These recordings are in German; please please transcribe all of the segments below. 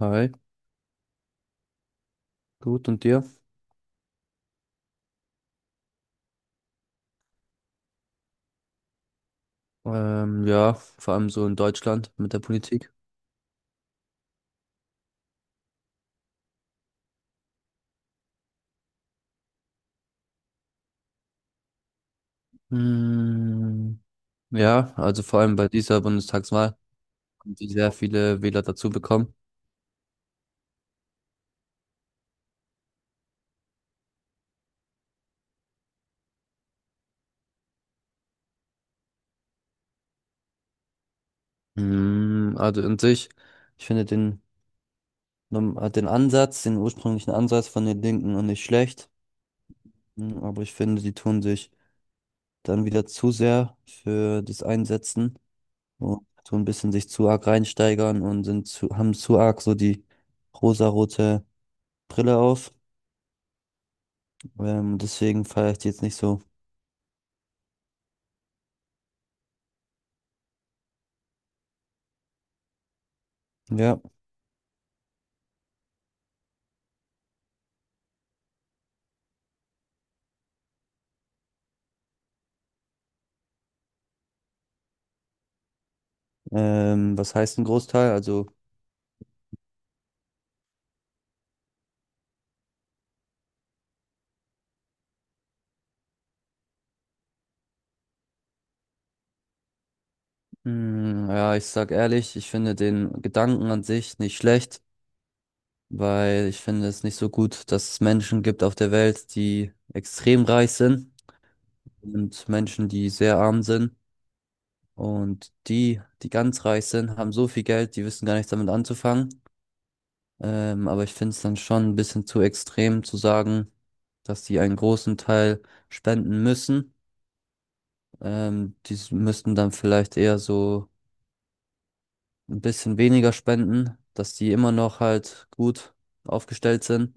Hi, gut und dir? Ja, vor allem so in Deutschland mit der Politik. Mm, ja, also vor allem bei dieser Bundestagswahl haben die sehr viele Wähler dazu bekommen. Mm, also in sich, ich finde den, Num- den Ansatz, den ursprünglichen Ansatz von den Linken noch nicht schlecht. Mm, aber ich finde, sie tun sich dann wieder zu sehr für das Einsetzen und tun ein bisschen sich zu arg reinsteigern und sind haben zu arg so die rosarote Brille auf. Deswegen feiere ich die jetzt nicht so. Ja. Was heißt ein Großteil? Also, ja, ich sag ehrlich, ich finde den Gedanken an sich nicht schlecht, weil ich finde es nicht so gut, dass es Menschen gibt auf der Welt, die extrem reich sind, und Menschen, die sehr arm sind. Und die, die ganz reich sind, haben so viel Geld, die wissen gar nichts damit anzufangen. Aber ich finde es dann schon ein bisschen zu extrem zu sagen, dass die einen großen Teil spenden müssen. Müssten dann vielleicht eher so ein bisschen weniger spenden, dass die immer noch halt gut aufgestellt sind.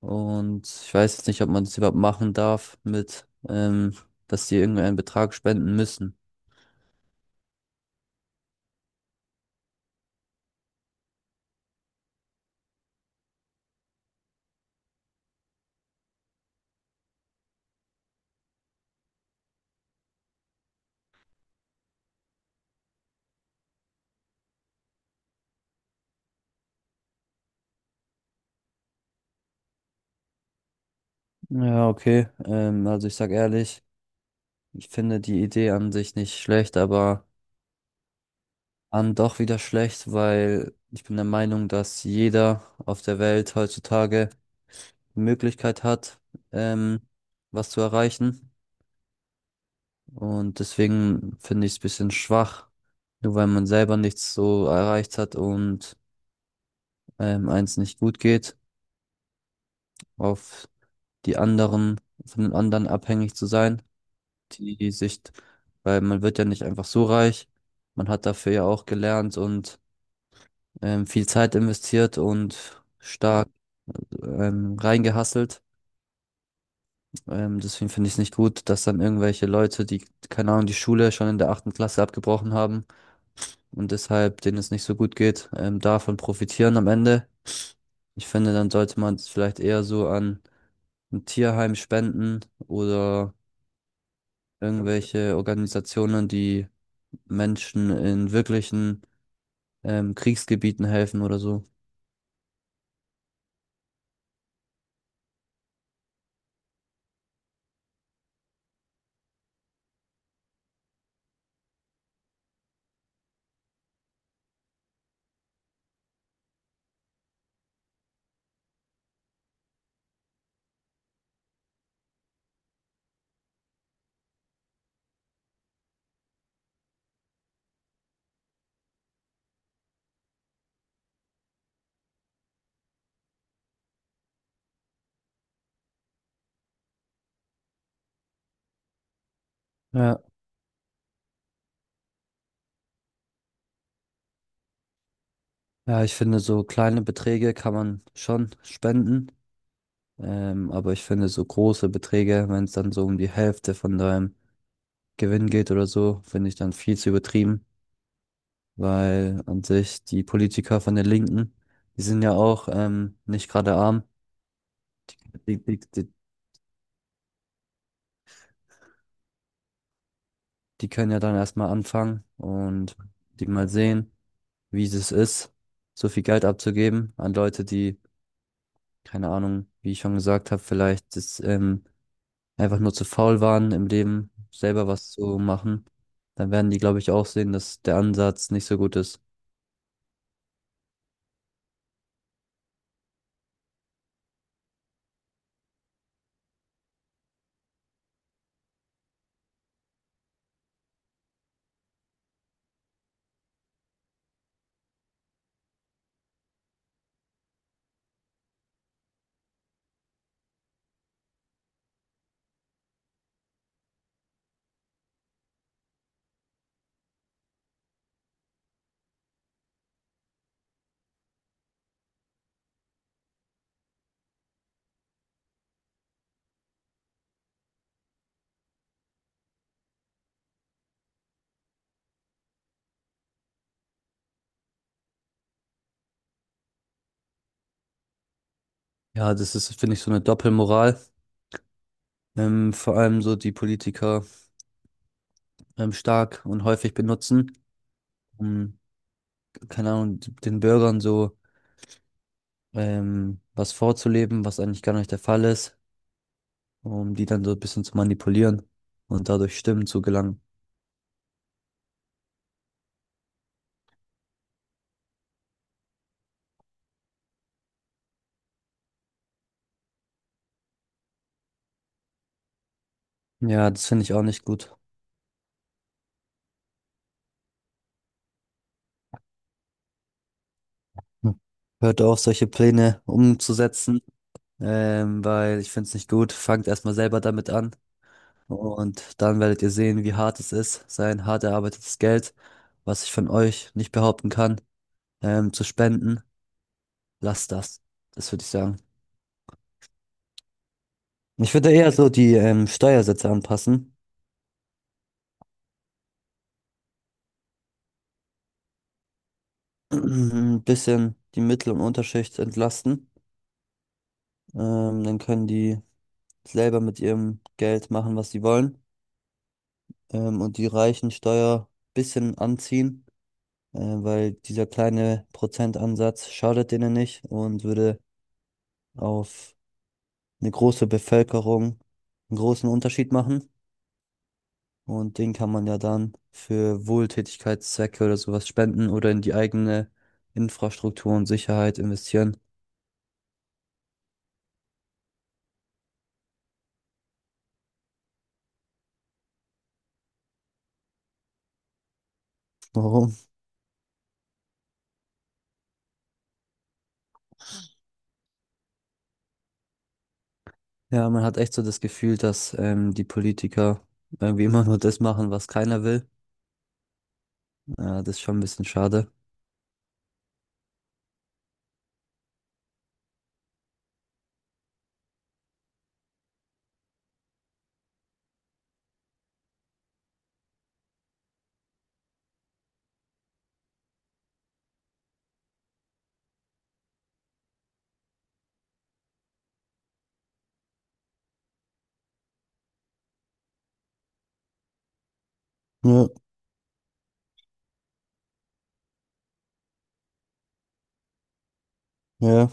Und ich weiß jetzt nicht, ob man das überhaupt machen darf mit, dass die irgendeinen Betrag spenden müssen. Ja, okay. Also ich sag ehrlich, ich finde die Idee an sich nicht schlecht, aber an doch wieder schlecht, weil ich bin der Meinung, dass jeder auf der Welt heutzutage die Möglichkeit hat, ähm, was zu erreichen. Und deswegen finde ich es ein bisschen schwach, nur weil man selber nichts so erreicht hat und eins nicht gut geht, auf die anderen, von den anderen abhängig zu sein, die sich, weil man wird ja nicht einfach so reich, man hat dafür ja auch gelernt und viel Zeit investiert und stark reingehasselt. Deswegen finde ich es nicht gut, dass dann irgendwelche Leute, die, keine Ahnung, die Schule schon in der achten Klasse abgebrochen haben, und deshalb denen es nicht so gut geht, davon profitieren am Ende. Ich finde, dann sollte man es vielleicht eher so an ein Tierheim spenden oder irgendwelche Organisationen, die Menschen in wirklichen Kriegsgebieten helfen oder so. Ja, ja, ich finde, so kleine Beträge kann man schon spenden, aber ich finde, so große Beträge, wenn es dann so um die Hälfte von deinem Gewinn geht oder so, finde ich dann viel zu übertrieben. Weil an sich die Politiker von der Linken, die sind ja auch nicht gerade arm. Die die können ja dann erstmal anfangen und die mal sehen, wie es ist, so viel Geld abzugeben an Leute, die, keine Ahnung, wie ich schon gesagt habe, vielleicht das, einfach nur zu faul waren im Leben, selber was zu machen. Dann werden die, glaube ich, auch sehen, dass der Ansatz nicht so gut ist. Ja, das ist, finde ich, so eine Doppelmoral. Vor allem so die Politiker stark und häufig benutzen, um, keine Ahnung, den Bürgern so was vorzuleben, was eigentlich gar nicht der Fall ist, um die dann so ein bisschen zu manipulieren und dadurch Stimmen zu gelangen. Ja, das finde ich auch nicht gut. Hm. Hört auf, solche Pläne umzusetzen, weil ich finde es nicht gut. Fangt erstmal selber damit an und dann werdet ihr sehen, wie hart es ist, sein hart erarbeitetes Geld, was ich von euch nicht behaupten kann, zu spenden. Lasst das. Das würde ich sagen. Ich würde eher so die Steuersätze anpassen, ein bisschen die Mittel- und Unterschicht entlasten. Dann können die selber mit ihrem Geld machen, was sie wollen. Und die reichen Steuer ein bisschen anziehen, weil dieser kleine Prozentansatz schadet denen nicht und würde auf eine große Bevölkerung einen großen Unterschied machen. Und den kann man ja dann für Wohltätigkeitszwecke oder sowas spenden oder in die eigene Infrastruktur und Sicherheit investieren. Warum? Ja, man hat echt so das Gefühl, dass die Politiker irgendwie immer nur das machen, was keiner will. Ja, das ist schon ein bisschen schade. Ja, ja,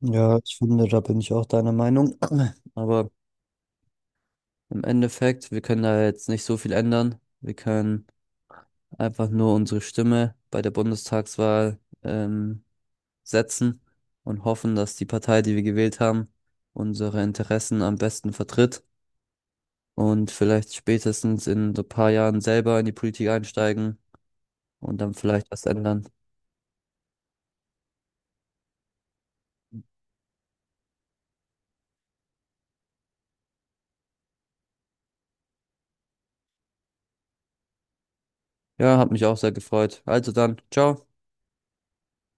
ja, ich finde, da bin ich auch deiner Meinung. Aber im Endeffekt, wir können da jetzt nicht so viel ändern. Wir können einfach nur unsere Stimme bei der Bundestagswahl setzen und hoffen, dass die Partei, die wir gewählt haben, unsere Interessen am besten vertritt und vielleicht spätestens in so ein paar Jahren selber in die Politik einsteigen und dann vielleicht was ändern. Ja, hat mich auch sehr gefreut. Also dann, ciao.